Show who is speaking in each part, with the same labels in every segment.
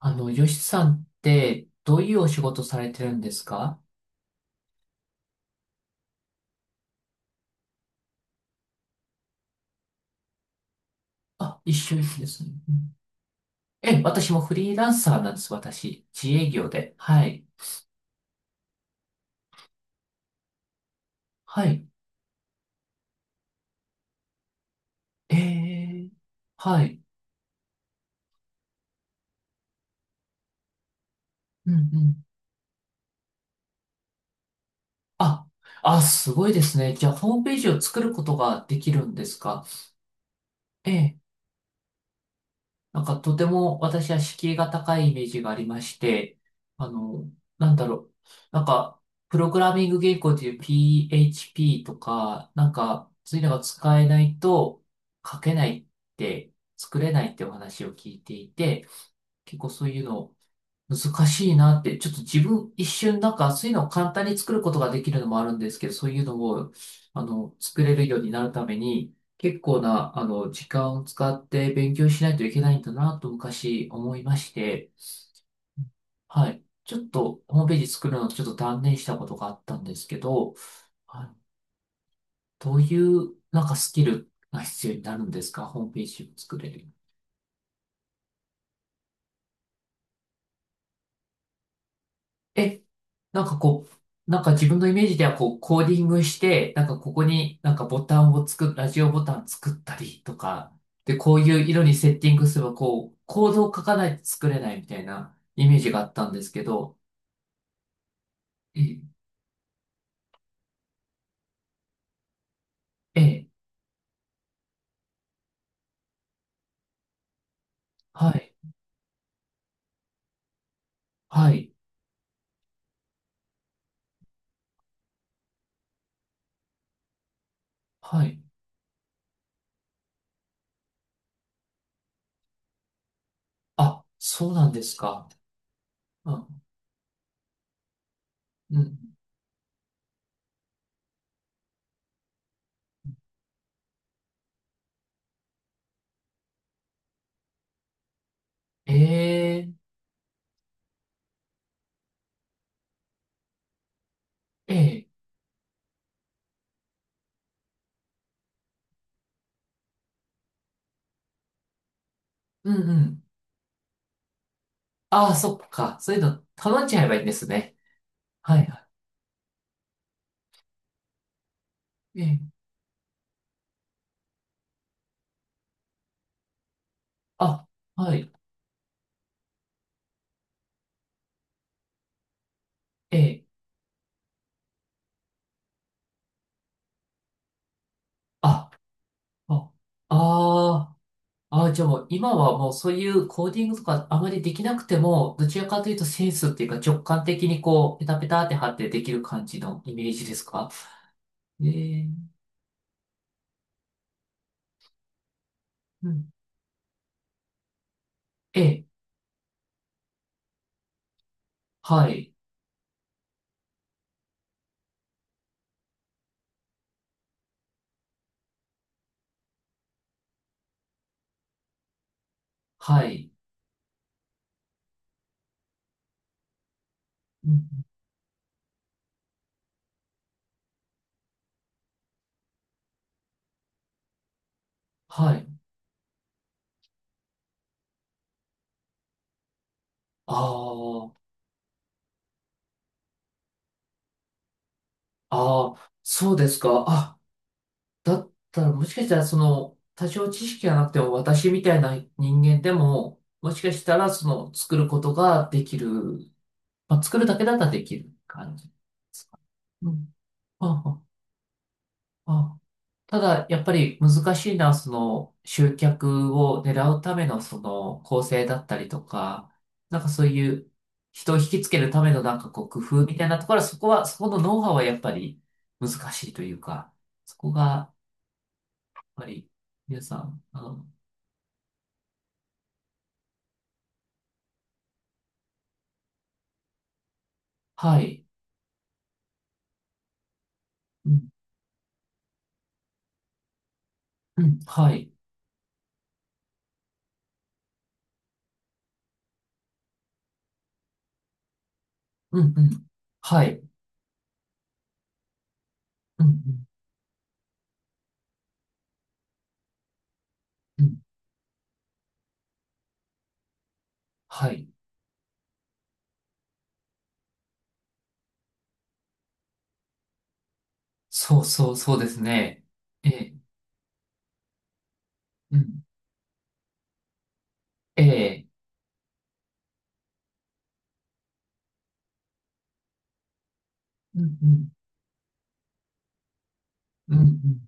Speaker 1: よしさんって、どういうお仕事されてるんですか？あ、一緒ですね。うん。え、私もフリーランサーなんです、私。自営業で。はい。はい。えー、はい。うんうん。あ、あ、すごいですね。じゃあ、ホームページを作ることができるんですか？ええ、なんかとても私は敷居が高いイメージがありまして、あの、なんだろう。なんか、プログラミング言語でいう PHP とか、なんか、そういうのが使えないと書けないって、作れないってお話を聞いていて、結構そういうの難しいなって、ちょっと自分一瞬なんかそういうのを簡単に作ることができるのもあるんですけど、そういうのを、作れるようになるために、結構な、時間を使って勉強しないといけないんだなと昔思いまして、はい。ちょっとホームページ作るのをちょっと断念したことがあったんですけど、はい、どういうなんかスキルが必要になるんですか？ホームページを作れる。え、なんかこう、なんか自分のイメージではこう、コーディングして、なんかここになんかボタンを作っ、ラジオボタン作ったりとか、で、こういう色にセッティングすれば、こう、コードを書かないと作れないみたいなイメージがあったんですけど、え、ええ、はい、はい、はい。あ、そうなんですか。うん、うん。ええ、ええ、うんうん。ああ、そっか。そういうの頼んじゃえばいいんですね。はい、はい。ええ、あ、はい、ええ。ああ、あー、あー、じゃあもう今はもうそういうコーディングとかあまりできなくても、どちらかというとセンスっていうか直感的にこう、ペタペタって貼ってできる感じのイメージですか？えー、うん。ええ、はい、はい、うん、はい。ああ、ああ、そうですか。あ、だったらもしかしたらその、多少知識がなくても私みたいな人間でも、もしかしたらその、作ることができる。まあ、作るだけだったらできる感じですか？うん。ああ、あはあ。ただ、やっぱり難しいのは、その、集客を狙うための、その、構成だったりとか、なんかそういう、人を引きつけるための、なんかこう、工夫みたいなところは、そこは、そこのノウハウはやっぱり難しいというか、そこが、やっぱり、皆さん、はい、うん、うん、はい、うん、うん、はい、うん、うん、うん、はい、そうそう、そうですね。ええ、うん。ええ。うんうん。うんうん。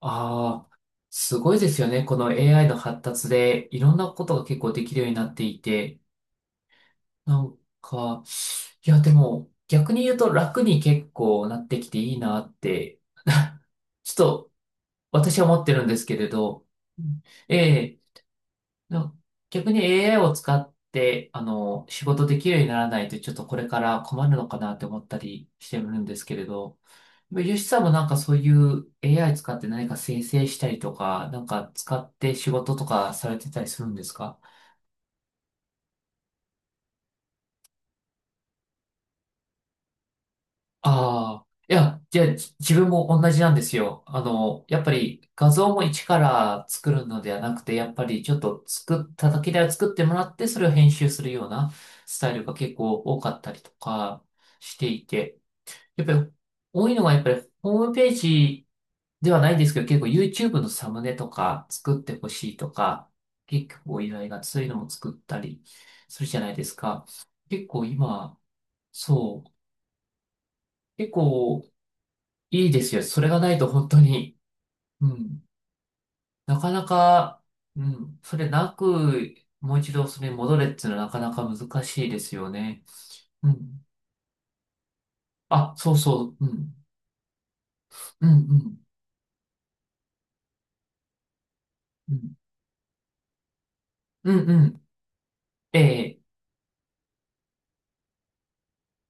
Speaker 1: ああ、すごいですよね。この AI の発達でいろんなことが結構できるようになっていて。なんか、いやでも逆に言うと楽に結構なってきていいなって、ちょっと私は思ってるんですけれど。うん、ええ。な逆に AI を使って、仕事できるようにならないとちょっとこれから困るのかなって思ったりしてるんですけれど。ヨシさんもなんかそういう AI 使って何か生成したりとか、なんか使って仕事とかされてたりするんですか？ああ、いや、じゃあ自分も同じなんですよ。やっぱり画像も一から作るのではなくて、やっぱりちょっと作っただけでは作ってもらって、それを編集するようなスタイルが結構多かったりとかしていて、やっぱり多いのがやっぱりホームページではないですけど、結構 YouTube のサムネとか作ってほしいとか、結構依頼がそういうのも作ったりするじゃないですか。結構今、そう、結構いいですよ。それがないと本当に、うん、なかなか、うん、それなく、もう一度それに戻れっていうのはなかなか難しいですよね。うん。あ、そうそう、うん、うん、うん、うん、うん、うん、ええ、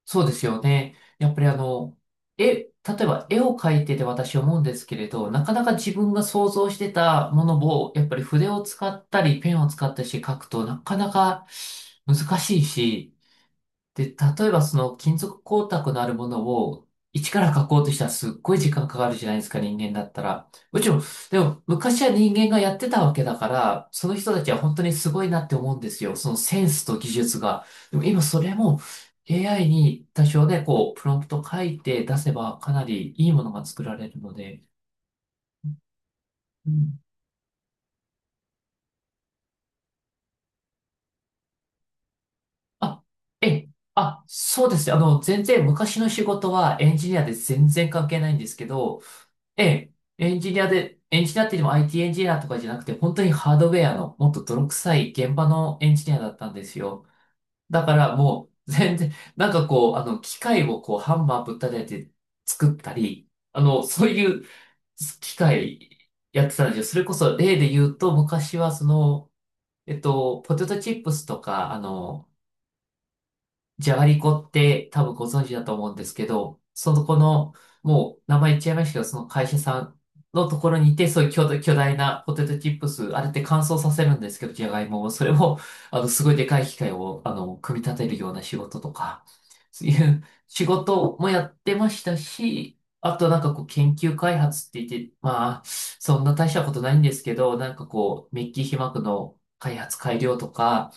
Speaker 1: そうですよね。やっぱり例えば絵を描いてて私思うんですけれど、なかなか自分が想像してたものを、やっぱり筆を使ったりペンを使ったりして描くとなかなか難しいし、で、例えばその金属光沢のあるものを一から書こうとしたらすっごい時間かかるじゃないですか、人間だったら。もちろん、でも昔は人間がやってたわけだから、その人たちは本当にすごいなって思うんですよ。そのセンスと技術が。でも今それも AI に多少ね、こう、プロンプト書いて出せばかなりいいものが作られるので。うん、あ、ええ、あ、そうですね。全然昔の仕事はエンジニアで全然関係ないんですけど、ええ、エンジニアって言っても IT エンジニアとかじゃなくて、本当にハードウェアのもっと泥臭い現場のエンジニアだったんですよ。だからもう全然、なんかこう、機械をこう、ハンマーぶったたいて作ったり、そういう機械やってたんですよ。それこそ例で言うと、昔はその、ポテトチップスとか、じゃがりこって多分ご存知だと思うんですけど、このもう名前言っちゃいましたけど、その会社さんのところにいて、そういう巨大なポテトチップス、あれって乾燥させるんですけど、じゃがいもを、それを、すごいでかい機械を、組み立てるような仕事とか、そういう仕事もやってましたし、あとなんかこう研究開発って言って、まあ、そんな大したことないんですけど、なんかこう、メッキ被膜の開発改良とか、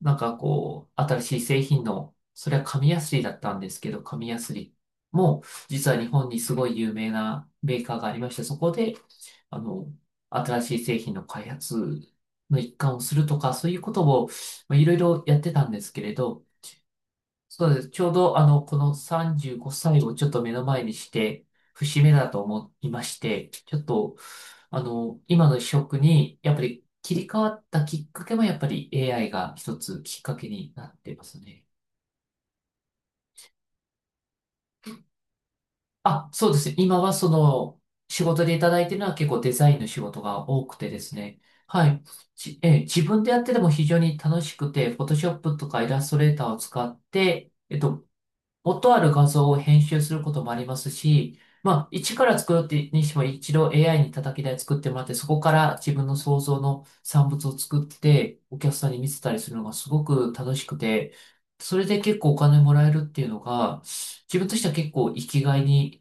Speaker 1: なんかこう、新しい製品の、それは紙やすりだったんですけど、紙やすりも、実は日本にすごい有名なメーカーがありまして、そこで、あの、新しい製品の開発の一環をするとか、そういうことを、まあ、いろいろやってたんですけれど、そうです。ちょうど、この35歳をちょっと目の前にして、節目だと思いまして、ちょっと、今の職に、やっぱり切り替わったきっかけも、やっぱり AI が一つきっかけになってますね。あ、そうですね。今はその、仕事でいただいてるのは結構デザインの仕事が多くてですね。はい。じ、えー自分でやってても非常に楽しくて、フォトショップとかイラストレーターを使って、元ある画像を編集することもありますし、まあ、一から作るってにしても一度 AI に叩き台作ってもらって、そこから自分の想像の産物を作って、お客さんに見せたりするのがすごく楽しくて、それで結構お金もらえるっていうのが、自分としては結構生きがいに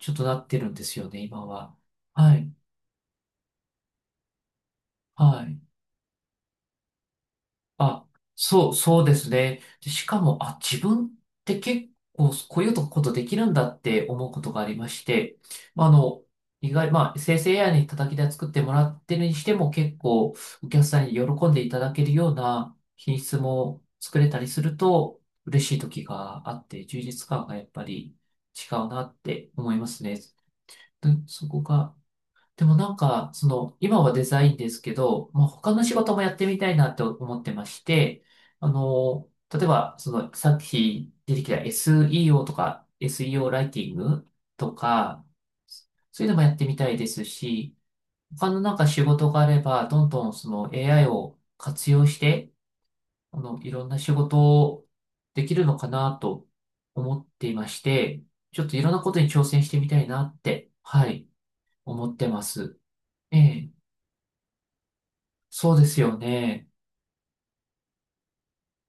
Speaker 1: ちょっとなってるんですよね、今は。はい、はい。あ、そう、そうですね。で、しかも、あ、自分って結構こういうことできるんだって思うことがありまして、まあ、意外、まあ、生成やに叩き台作ってもらってるにしても結構お客さんに喜んでいただけるような品質も作れたりすると嬉しい時があって、充実感がやっぱり違うなって思いますね。でそこがでもなんか、その、今はデザインですけど、まあ、他の仕事もやってみたいなって思ってまして、例えば、その、さっき出てきた SEO とか、SEO ライティングとか、そういうのもやってみたいですし、他のなんか仕事があれば、どんどんその AI を活用して、いろんな仕事をできるのかなと思っていまして、ちょっといろんなことに挑戦してみたいなって、はい、思ってます。ええ、そうですよね。